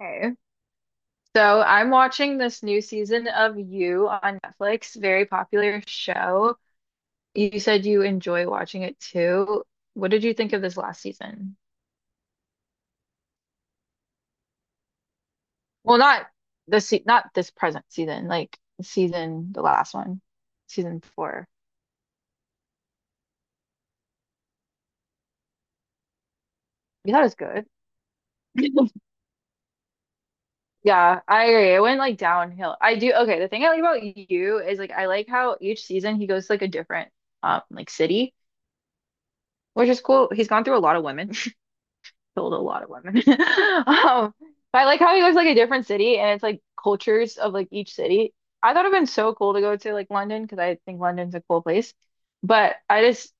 Okay. So I'm watching this new season of You on Netflix, very popular show. You said you enjoy watching it too. What did you think of this last season? Well, not this se not this present season, like season the last one, season four. You thought it was good. Yeah, I agree. It went like downhill. I do. Okay, the thing I like about you is like I like how each season he goes to like a different like city, which is cool. He's gone through a lot of women. Killed a lot of women. Um, but I like how he goes like a different city and it's like cultures of like each city. I thought it'd been so cool to go to like London because I think London's a cool place. But I just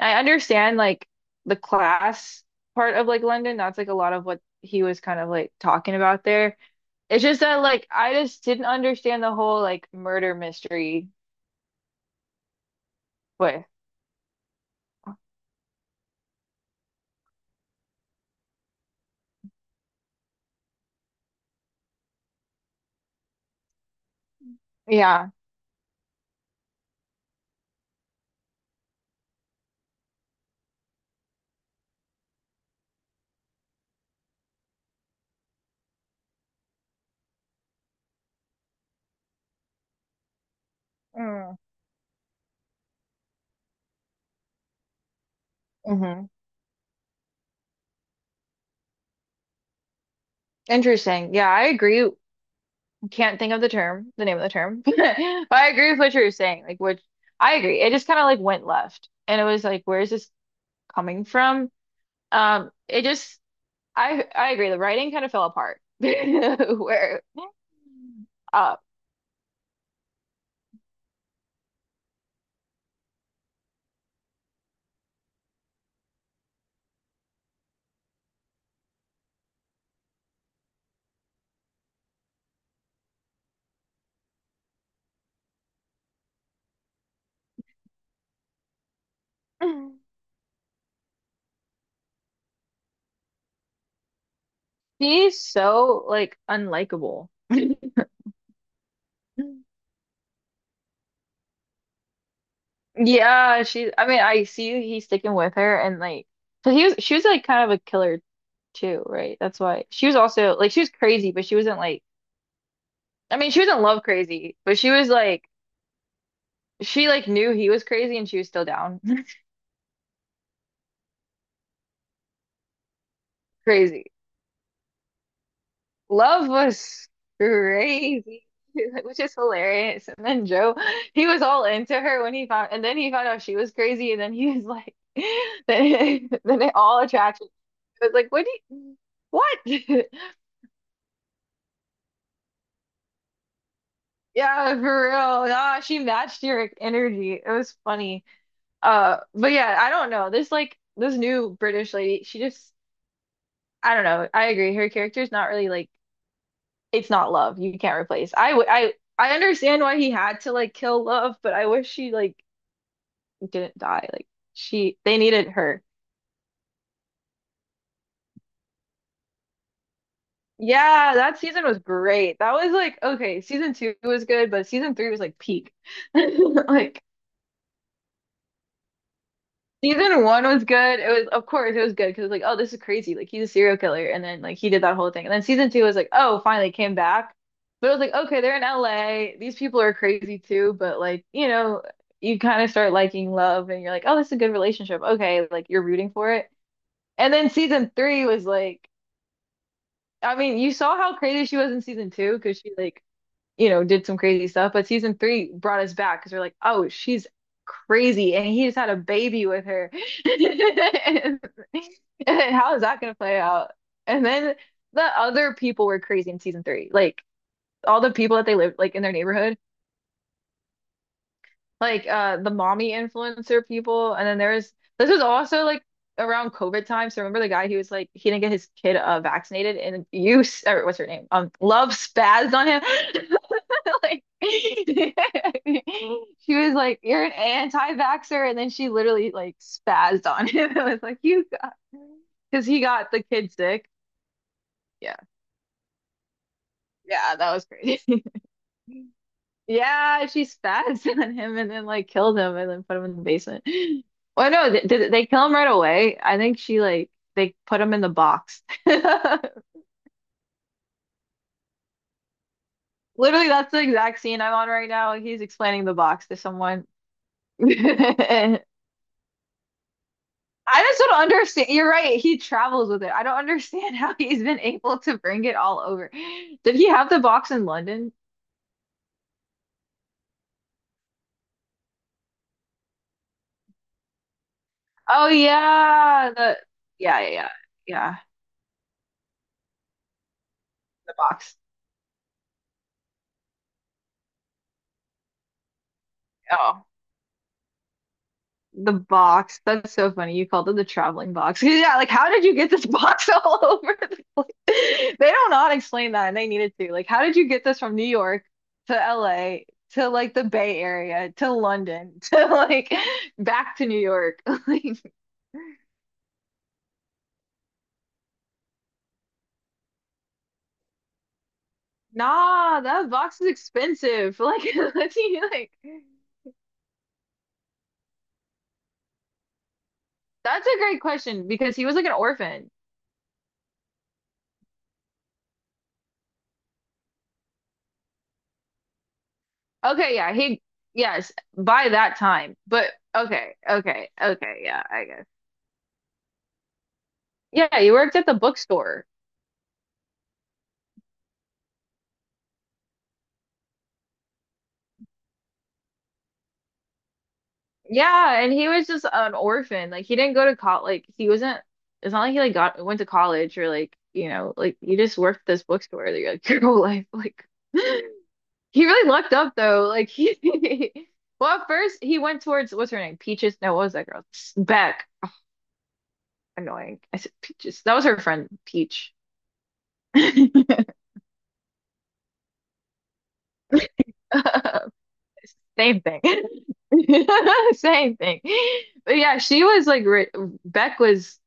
I understand like the class part of like London. That's like a lot of what he was kind of like talking about there. It's just that like I just didn't understand the whole like murder mystery. But yeah. Mm. Hmm. Interesting. Yeah, I agree, can't think of the term, the name of the term. But I agree with what you were saying. Like, which I agree. It just kind of like went left, and it was like, where is this coming from? Um, it just, I agree. The writing kind of fell apart. Where, uh, she's so like unlikable. Yeah, she. I mean, I see he's sticking with her, and like, so he was. She was like kind of a killer too, right? That's why she was also like she was crazy, but she wasn't like. I mean, she was not love crazy, but she was like, she like knew he was crazy and she was still down. Crazy. Love was crazy, which is hilarious. And then Joe, he was all into her when he found, and then he found out she was crazy, and then he was like, then, then it all attraction. It was like, what do you, what? Yeah, for real. Nah, she matched your energy. It was funny. But yeah, I don't know. This like this new British lady, she just I don't know. I agree. Her character's not really like it's not love. You can't replace. I understand why he had to like kill love, but I wish she like didn't die. Like she they needed her. Yeah, that season was great. That was like okay, season two was good, but season three was like peak. Like season one was good. It was, of course, it was good because like, oh, this is crazy. Like he's a serial killer, and then like he did that whole thing. And then season two was like, oh, finally came back. But it was like, okay, they're in LA. These people are crazy too. But like, you know, you kind of start liking love, and you're like, oh, this is a good relationship. Okay, like you're rooting for it. And then season three was like, I mean, you saw how crazy she was in season two because she like you know, did some crazy stuff. But season three brought us back because we're like, oh, she's crazy. And he just had a baby with her. And how is that going to play out? And then the other people were crazy in season three. Like all the people that they lived like in their neighborhood like the mommy influencer people, and then there's this was also like around COVID time, so remember the guy, he was like he didn't get his kid vaccinated, and or what's her name, Love spazzed on him, like she was like you're an anti-vaxxer, and then she literally like spazzed on him. It was like you got because he got the kid sick. Yeah, yeah, that was crazy. Yeah, she spats on him and then like killed him and then put him in the basement. Well, no, th did they kill him right away? I think she like they put him in the box. Literally, that's the exact scene I'm on right now. He's explaining the box to someone. I just don't understand. You're right. He travels with it. I don't understand how he's been able to bring it all over. Did he have the box in London? Oh yeah, the yeah, yeah, yeah, yeah, the box. The box. That's so funny. You called it the traveling box. Yeah, like how did you get this box all over? They don't not explain that and they needed to. Like, how did you get this from New York to LA to like the Bay Area to London to like back to New York? Like, nah, that box is expensive. Like, let's see. Like? That's a great question because he was like an orphan. Okay, yeah, he yes, by that time. But okay, okay, okay, yeah, I guess. Yeah, he worked at the bookstore. Yeah, and he was just an orphan. Like he didn't go to college. Like he wasn't. It's not like he like got went to college or like you know like you just worked at this bookstore like, like your whole life. Like he really lucked up though. Like he. Well, at first he went towards what's her name? Peaches. No, what was that girl? Beck. Annoying. I said Peaches. That was her friend Peach. Same thing. Same thing. But yeah, she was like ri Beck was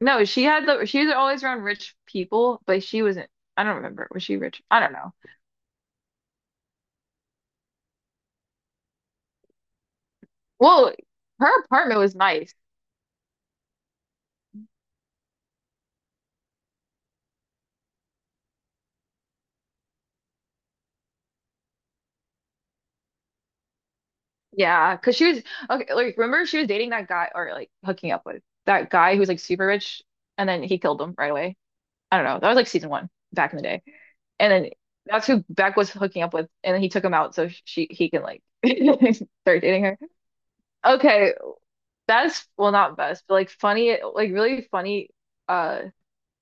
no, she had the she was always around rich people, but she wasn't. I don't remember. Was she rich? I don't know. Well, her apartment was nice. Yeah, because she was okay. Like, remember she was dating that guy or like hooking up with that guy who was like super rich, and then he killed him right away. I don't know. That was like season one back in the day, and then that's who Beck was hooking up with, and then he took him out so she he can like start dating her. Okay, best well not best, but like funny, like really funny. uh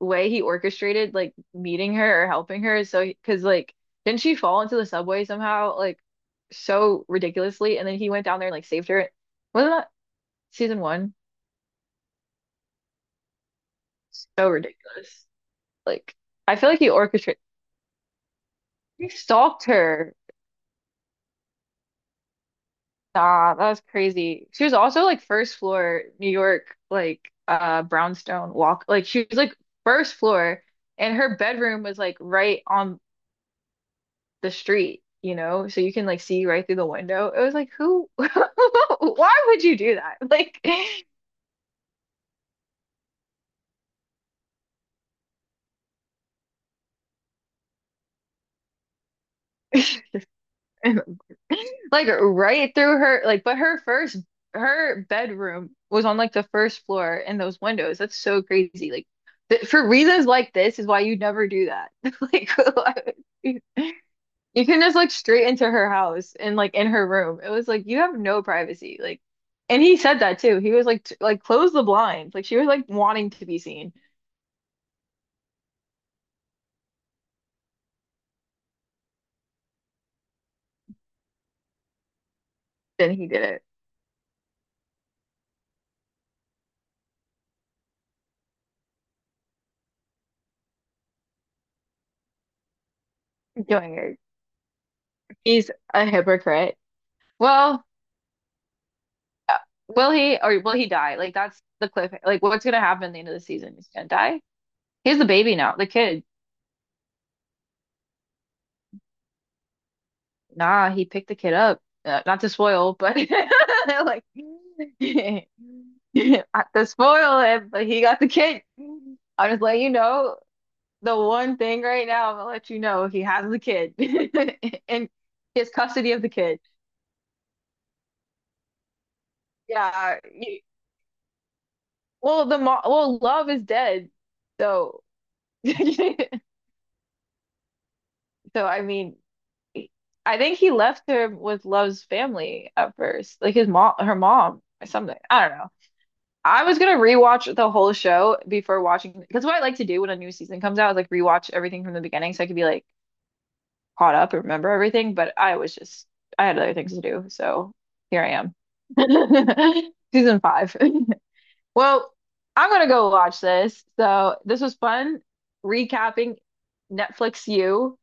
Way he orchestrated like meeting her or helping her is so because like didn't she fall into the subway somehow like so ridiculously, and then he went down there and like saved her, wasn't that season one, so ridiculous, like I feel like he orchestrated he stalked her. Nah, that was crazy, she was also like first floor New York like brownstone walk, like she was like first floor, and her bedroom was like right on the street, you know, so you can like see right through the window. It was like, who, why would you do that? Like, like right through her, like, but her first, her bedroom was on like the first floor and those windows. That's so crazy. Like, th for reasons like this is why you never do that. Like, you you can just like straight into her house and like in her room. It was like, you have no privacy. Like, and he said that too. He was like, t like close the blinds. Like she was like wanting to be seen. Then he did it. Doing it. He's a hypocrite. Well, uh, will he or will he die? Like that's the cliff. Like what's gonna happen at the end of the season? He's gonna die. He's the baby now, the kid. Nah, he picked the kid up. Not to spoil, but like not to spoil it, but he got the kid. I'll just let you know the one thing right now. I'm gonna let you know he has the kid and he has custody of the kid. Yeah, you, well, the mo well, love is dead. So, so I mean, I think he left her with Love's family at first, like his mom, her mom, or something. I don't know. I was gonna rewatch the whole show before watching because what I like to do when a new season comes out is like rewatch everything from the beginning so I could be like caught up and remember everything. But I was just I had other things to do, so here I am, season five. Well, I'm gonna go watch this. So this was fun recapping Netflix You.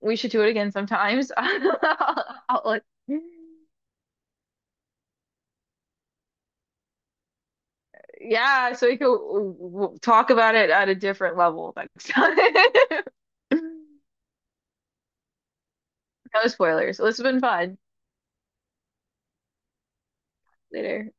We should do it again sometimes. Yeah, so we could talk about it at a different level next time. No spoilers. This has been fun. Later.